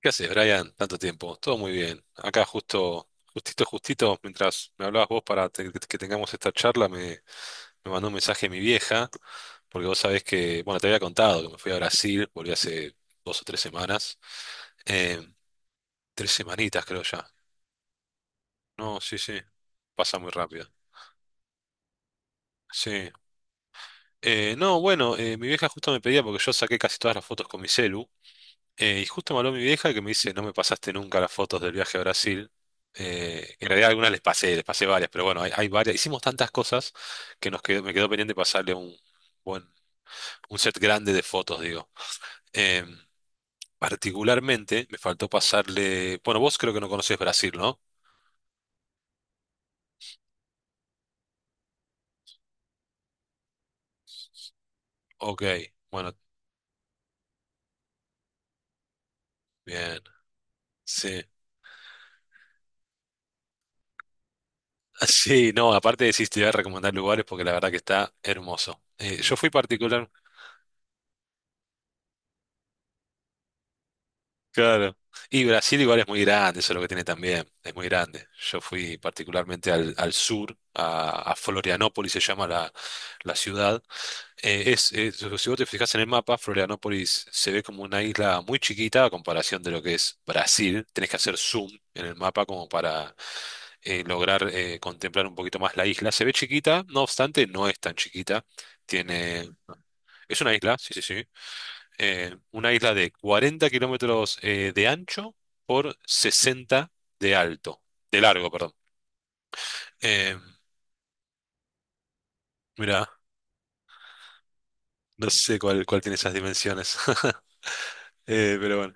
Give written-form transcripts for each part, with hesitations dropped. ¿Qué haces, Brian? Tanto tiempo. Todo muy bien. Acá justo, justito, justito, mientras me hablabas vos para que tengamos esta charla, me mandó un mensaje mi vieja, porque vos sabés que, bueno, te había contado que me fui a Brasil, volví hace dos o tres semanas. Eh, Tres semanitas creo ya. No, sí, sí. Pasa muy rápido. Sí. No, bueno, mi vieja justo me pedía, porque yo saqué casi todas las fotos con mi celu. Y justo me habló mi vieja que me dice, no me pasaste nunca las fotos del viaje a Brasil. En realidad algunas les pasé varias, pero bueno, hay varias. Hicimos tantas cosas que nos quedó, me quedó pendiente pasarle un buen, un set grande de fotos, digo. Eh, Particularmente me faltó pasarle. Bueno, vos creo que no conocés Brasil, ¿no? Ok, bueno, bien. Sí. Sí, no, aparte de decís, te voy a recomendar lugares porque la verdad que está hermoso. Yo fui particular. Claro. Y Brasil igual es muy grande, eso es lo que tiene también, es muy grande. Yo fui particularmente al sur, a Florianópolis se llama la ciudad. Si vos te fijas en el mapa, Florianópolis se ve como una isla muy chiquita a comparación de lo que es Brasil. Tenés que hacer zoom en el mapa como para lograr contemplar un poquito más la isla. Se ve chiquita, no obstante, no es tan chiquita. Tiene, es una isla, sí, sí, sí, una isla de 40 km kilómetros de ancho por 60 de alto, de largo, perdón. Eh, Mira, no sé cuál, cuál tiene esas dimensiones. Pero bueno,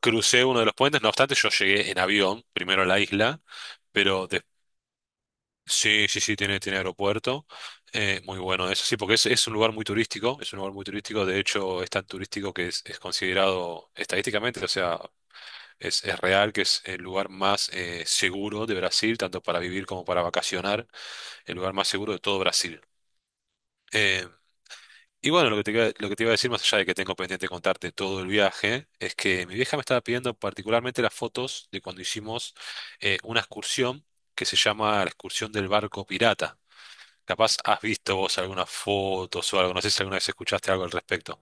crucé uno de los puentes, no obstante yo llegué en avión primero a la isla, pero de- sí, sí, sí, tiene, tiene aeropuerto, muy bueno eso, sí, porque es un lugar muy turístico, es un lugar muy turístico, de hecho es tan turístico que es considerado estadísticamente, o sea, es real que es el lugar más seguro de Brasil, tanto para vivir como para vacacionar, el lugar más seguro de todo Brasil. Eh, lo que te iba a decir, más allá de que tengo pendiente contarte todo el viaje, es que mi vieja me estaba pidiendo particularmente las fotos de cuando hicimos una excursión que se llama la excursión del barco pirata. Capaz has visto vos algunas fotos o algo, no sé si alguna vez escuchaste algo al respecto,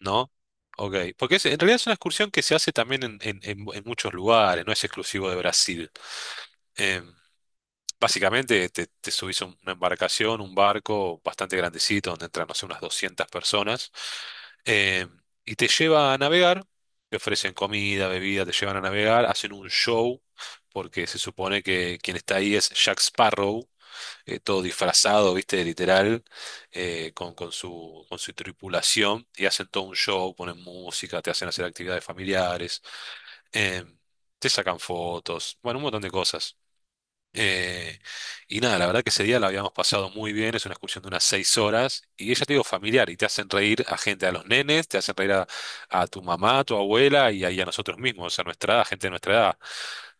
¿no? Ok, en realidad es una excursión que se hace también en muchos lugares, no es exclusivo de Brasil. Eh, Básicamente te subís a una embarcación, un barco bastante grandecito, donde entran, no sé, unas 200 personas, eh, y te lleva a navegar, te ofrecen comida, bebida, te llevan a navegar, hacen un show, porque se supone que quien está ahí es Jack Sparrow, todo disfrazado, viste, literal, con su tripulación, y hacen todo un show, ponen música, te hacen hacer actividades familiares, eh, te sacan fotos, bueno, un montón de cosas. Eh, y nada, la verdad que ese día la habíamos pasado muy bien, es una excursión de unas 6 horas, y ella te digo familiar, y te hacen reír a gente, a los nenes, te hacen reír a tu mamá, a tu abuela y a nosotros mismos, a nuestra edad, gente de nuestra edad.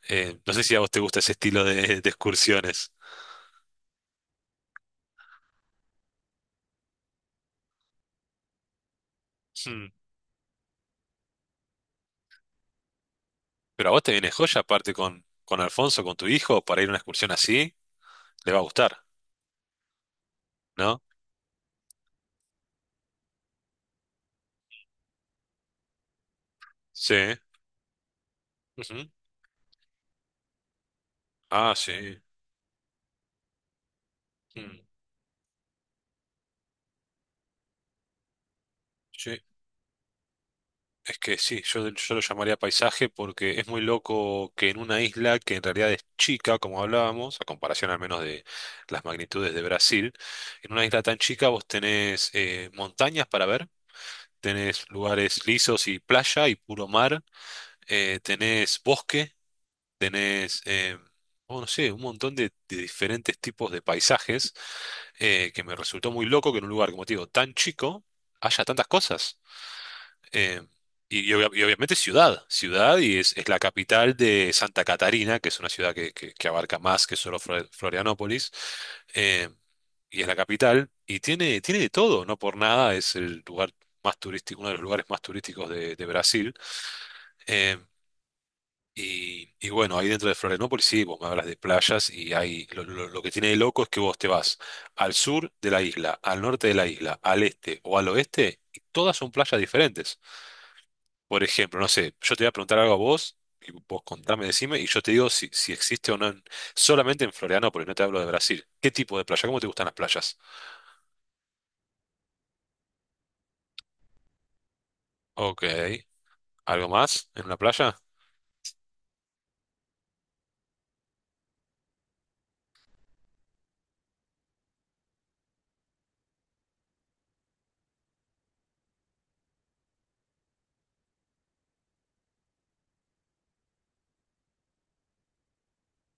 No sé si a vos te gusta ese estilo de excursiones. Hmm. Pero a vos te viene joya, aparte con Alfonso, con tu hijo, para ir a una excursión así, le va a gustar, ¿no? Sí. Ujú. Ah, sí. Hmm. Sí. Es que sí, yo lo llamaría paisaje porque es muy loco que en una isla que en realidad es chica, como hablábamos, a comparación al menos de las magnitudes de Brasil, en una isla tan chica vos tenés montañas para ver, tenés lugares lisos y playa y puro mar, tenés bosque, tenés, oh, no sé, un montón de diferentes tipos de paisajes que me resultó muy loco que en un lugar, como te digo, tan chico haya tantas cosas. Eh, y obviamente ciudad, ciudad y es la capital de Santa Catarina, que es una ciudad que abarca más que solo Florianópolis, eh, y es la capital y tiene, tiene de todo, no por nada es el lugar más turístico, uno de los lugares más turísticos de Brasil. Eh, y bueno, ahí dentro de Florianópolis, sí, vos me hablas de playas y ahí lo que tiene de loco es que vos te vas al sur de la isla, al norte de la isla, al este o al oeste, y todas son playas diferentes. Por ejemplo, no sé, yo te voy a preguntar algo a vos, y vos contame, decime, y yo te digo si, existe o no, en- solamente en Florianópolis, no te hablo de Brasil. ¿Qué tipo de playa? ¿Cómo te gustan las playas? Ok, ¿algo más en una playa?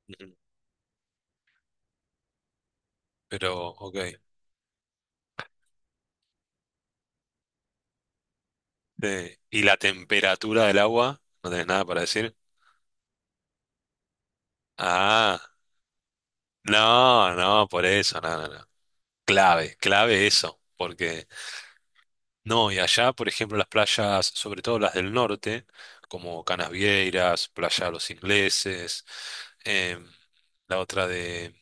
Ujú. Pero, ok. Sí. ¿Y la temperatura del agua? ¿No tenés nada para decir? Ah, no, no, por eso, no, no, no. Clave, clave eso, porque no, y allá, por ejemplo, las playas, sobre todo las del norte, como Canasvieiras, Playa de los Ingleses, em, la otra de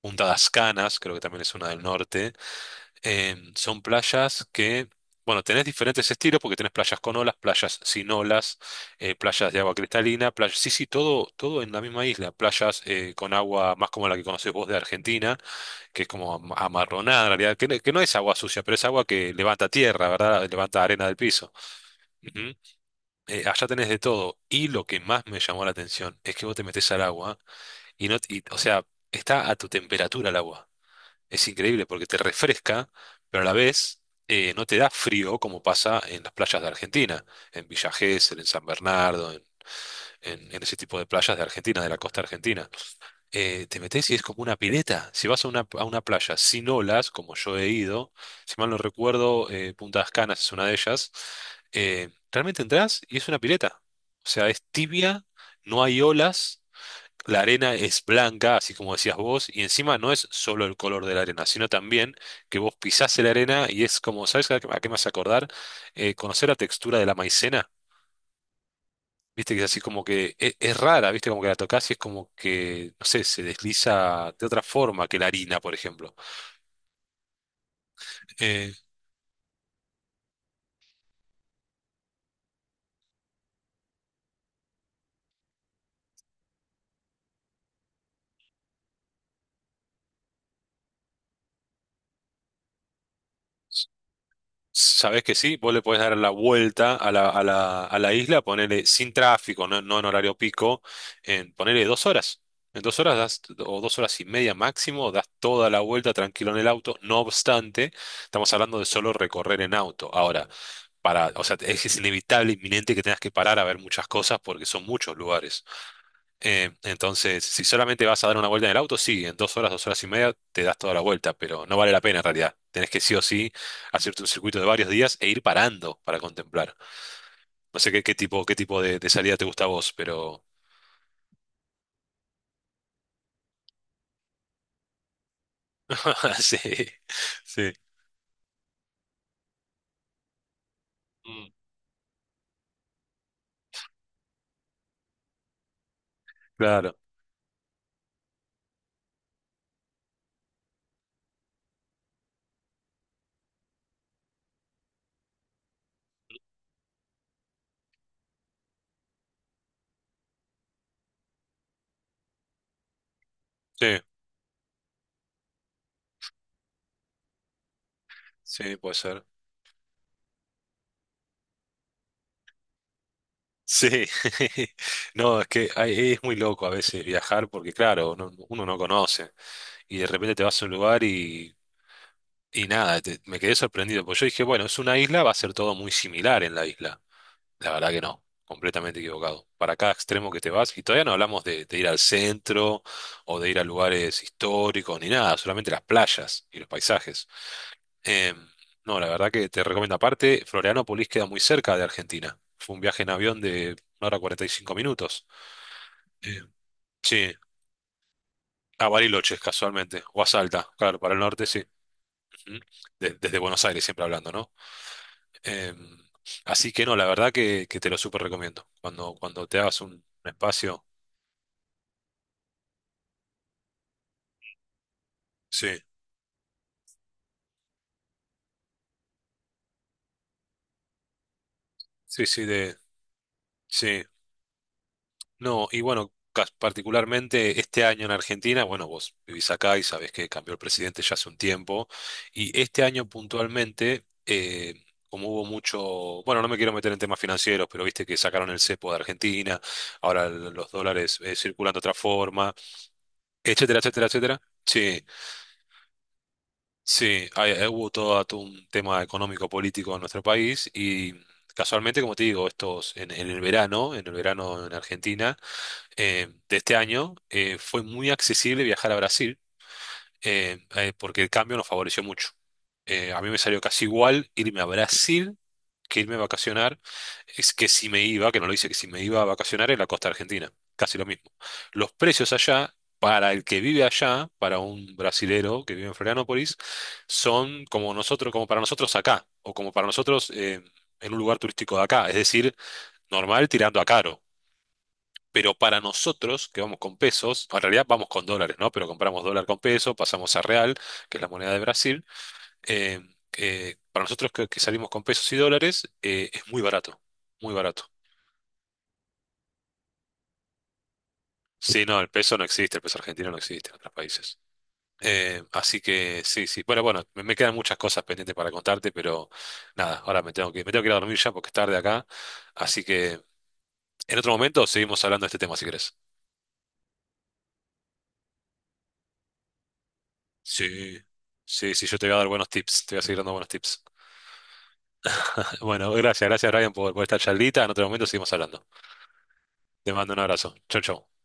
Punta das Canas, creo que también es una del norte, son playas que, bueno, tenés diferentes estilos porque tenés playas con olas, playas sin olas, playas de agua cristalina, playas, sí, sí, todo, todo en la misma isla, playas con agua más como la que conocés vos de Argentina que es como amarronada en realidad, que no es agua sucia, pero es agua que levanta tierra, ¿verdad? Levanta arena del piso. Ujú. Allá tenés de todo. Y lo que más me llamó la atención es que vos te metés al agua y no, y, o sea, está a tu temperatura el agua. Es increíble porque te refresca, pero a la vez no te da frío como pasa en las playas de Argentina, en Villa Gesell, en San Bernardo, en ese tipo de playas de Argentina, de la costa argentina, te metes y es como una pileta. Si vas a una playa sin olas, como yo he ido, si mal no recuerdo, Punta Las Canas es una de ellas, realmente entras y es una pileta. O sea, es tibia, no hay olas, la arena es blanca, así como decías vos, y encima no es solo el color de la arena, sino también que vos pisás la arena y es como, ¿sabes a qué me hace acordar? ¿Conocer la textura de la maicena? Viste que es así como es, rara, viste como que la tocas y es como que, no sé, se desliza de otra forma que la harina, por ejemplo. Eh, Sabés que sí, vos le podés dar la vuelta a la isla, ponerle sin tráfico, no, no en horario pico, en ponerle 2 horas. En dos horas das, o 2 horas y media máximo, das toda la vuelta tranquilo en el auto. No obstante, estamos hablando de solo recorrer en auto. Ahora, para, o sea, es inevitable, inminente que tengas que parar a ver muchas cosas porque son muchos lugares. Entonces, si solamente vas a dar una vuelta en el auto, sí, en 2 horas, 2 horas y media te das toda la vuelta, pero no vale la pena en realidad. Tenés que sí o sí hacerte un circuito de varios días e ir parando para contemplar. No sé qué, qué tipo de salida te gusta a vos, pero sí, sí. Mm, claro, sí, sí, puede ser. Sí, no, es que es muy loco a veces viajar porque, claro, uno no conoce y de repente te vas a un lugar y nada, me quedé sorprendido, porque yo dije, bueno, es una isla, va a ser todo muy similar en la isla. La verdad que no, completamente equivocado. Para cada extremo que te vas, y todavía no hablamos de ir al centro o de ir a lugares históricos ni nada, solamente las playas y los paisajes. Em, no, la verdad que te recomiendo. Aparte, Florianópolis queda muy cerca de Argentina. Fue un viaje en avión de 1 hora 45 minutos. Em, sí, a Bariloche, casualmente, o a Salta, claro, para el norte, sí. Ujú. Desde Buenos Aires, siempre hablando, ¿no? Em, Así que no, la verdad que te lo súper recomiendo. Cuando, cuando te hagas un espacio. Sí, sí, sí, de, sí. No, y bueno, particularmente este año en Argentina, bueno, vos vivís acá y sabés que cambió el presidente ya hace un tiempo. Y este año puntualmente, como hubo mucho, bueno, no me quiero meter en temas financieros, pero viste que sacaron el cepo de Argentina, ahora los dólares circulan de otra forma, etcétera, etcétera, etcétera. Sí, sí, hubo todo un tema económico político en nuestro país y mm, casualmente, como te digo, estos en el verano, en el verano en Argentina de este año, fue muy accesible viajar a Brasil, porque el cambio nos favoreció mucho. A mí me salió casi igual irme a Brasil que irme a vacacionar, es que si me iba, que no lo hice, que si me iba a vacacionar en la costa argentina, casi lo mismo. Los precios allá, para el que vive allá, para un brasilero que vive en Florianópolis, son como nosotros, como para nosotros acá, o como para nosotros en un lugar turístico de acá, es decir, normal tirando a caro. Pero para nosotros, que vamos con pesos, en realidad vamos con dólares, ¿no? Pero compramos dólar con peso, pasamos a real, que es la moneda de Brasil. eh, para nosotros que salimos con pesos y dólares, es muy barato, muy barato. Sí, no, el peso no existe, el peso argentino no existe en otros países. Así que sí, sí. Bueno, bueno, me quedan muchas cosas pendientes para contarte, pero nada, ahora me tengo que ir a dormir ya porque es tarde acá. Así que en otro momento seguimos hablando de este tema si querés. Sí, sí, sí, yo te voy a dar buenos tips, te voy a seguir dando buenos tips. Bueno, gracias, gracias Ryan por esta charlita. En otro momento seguimos hablando. Te mando un abrazo. Chau, chau.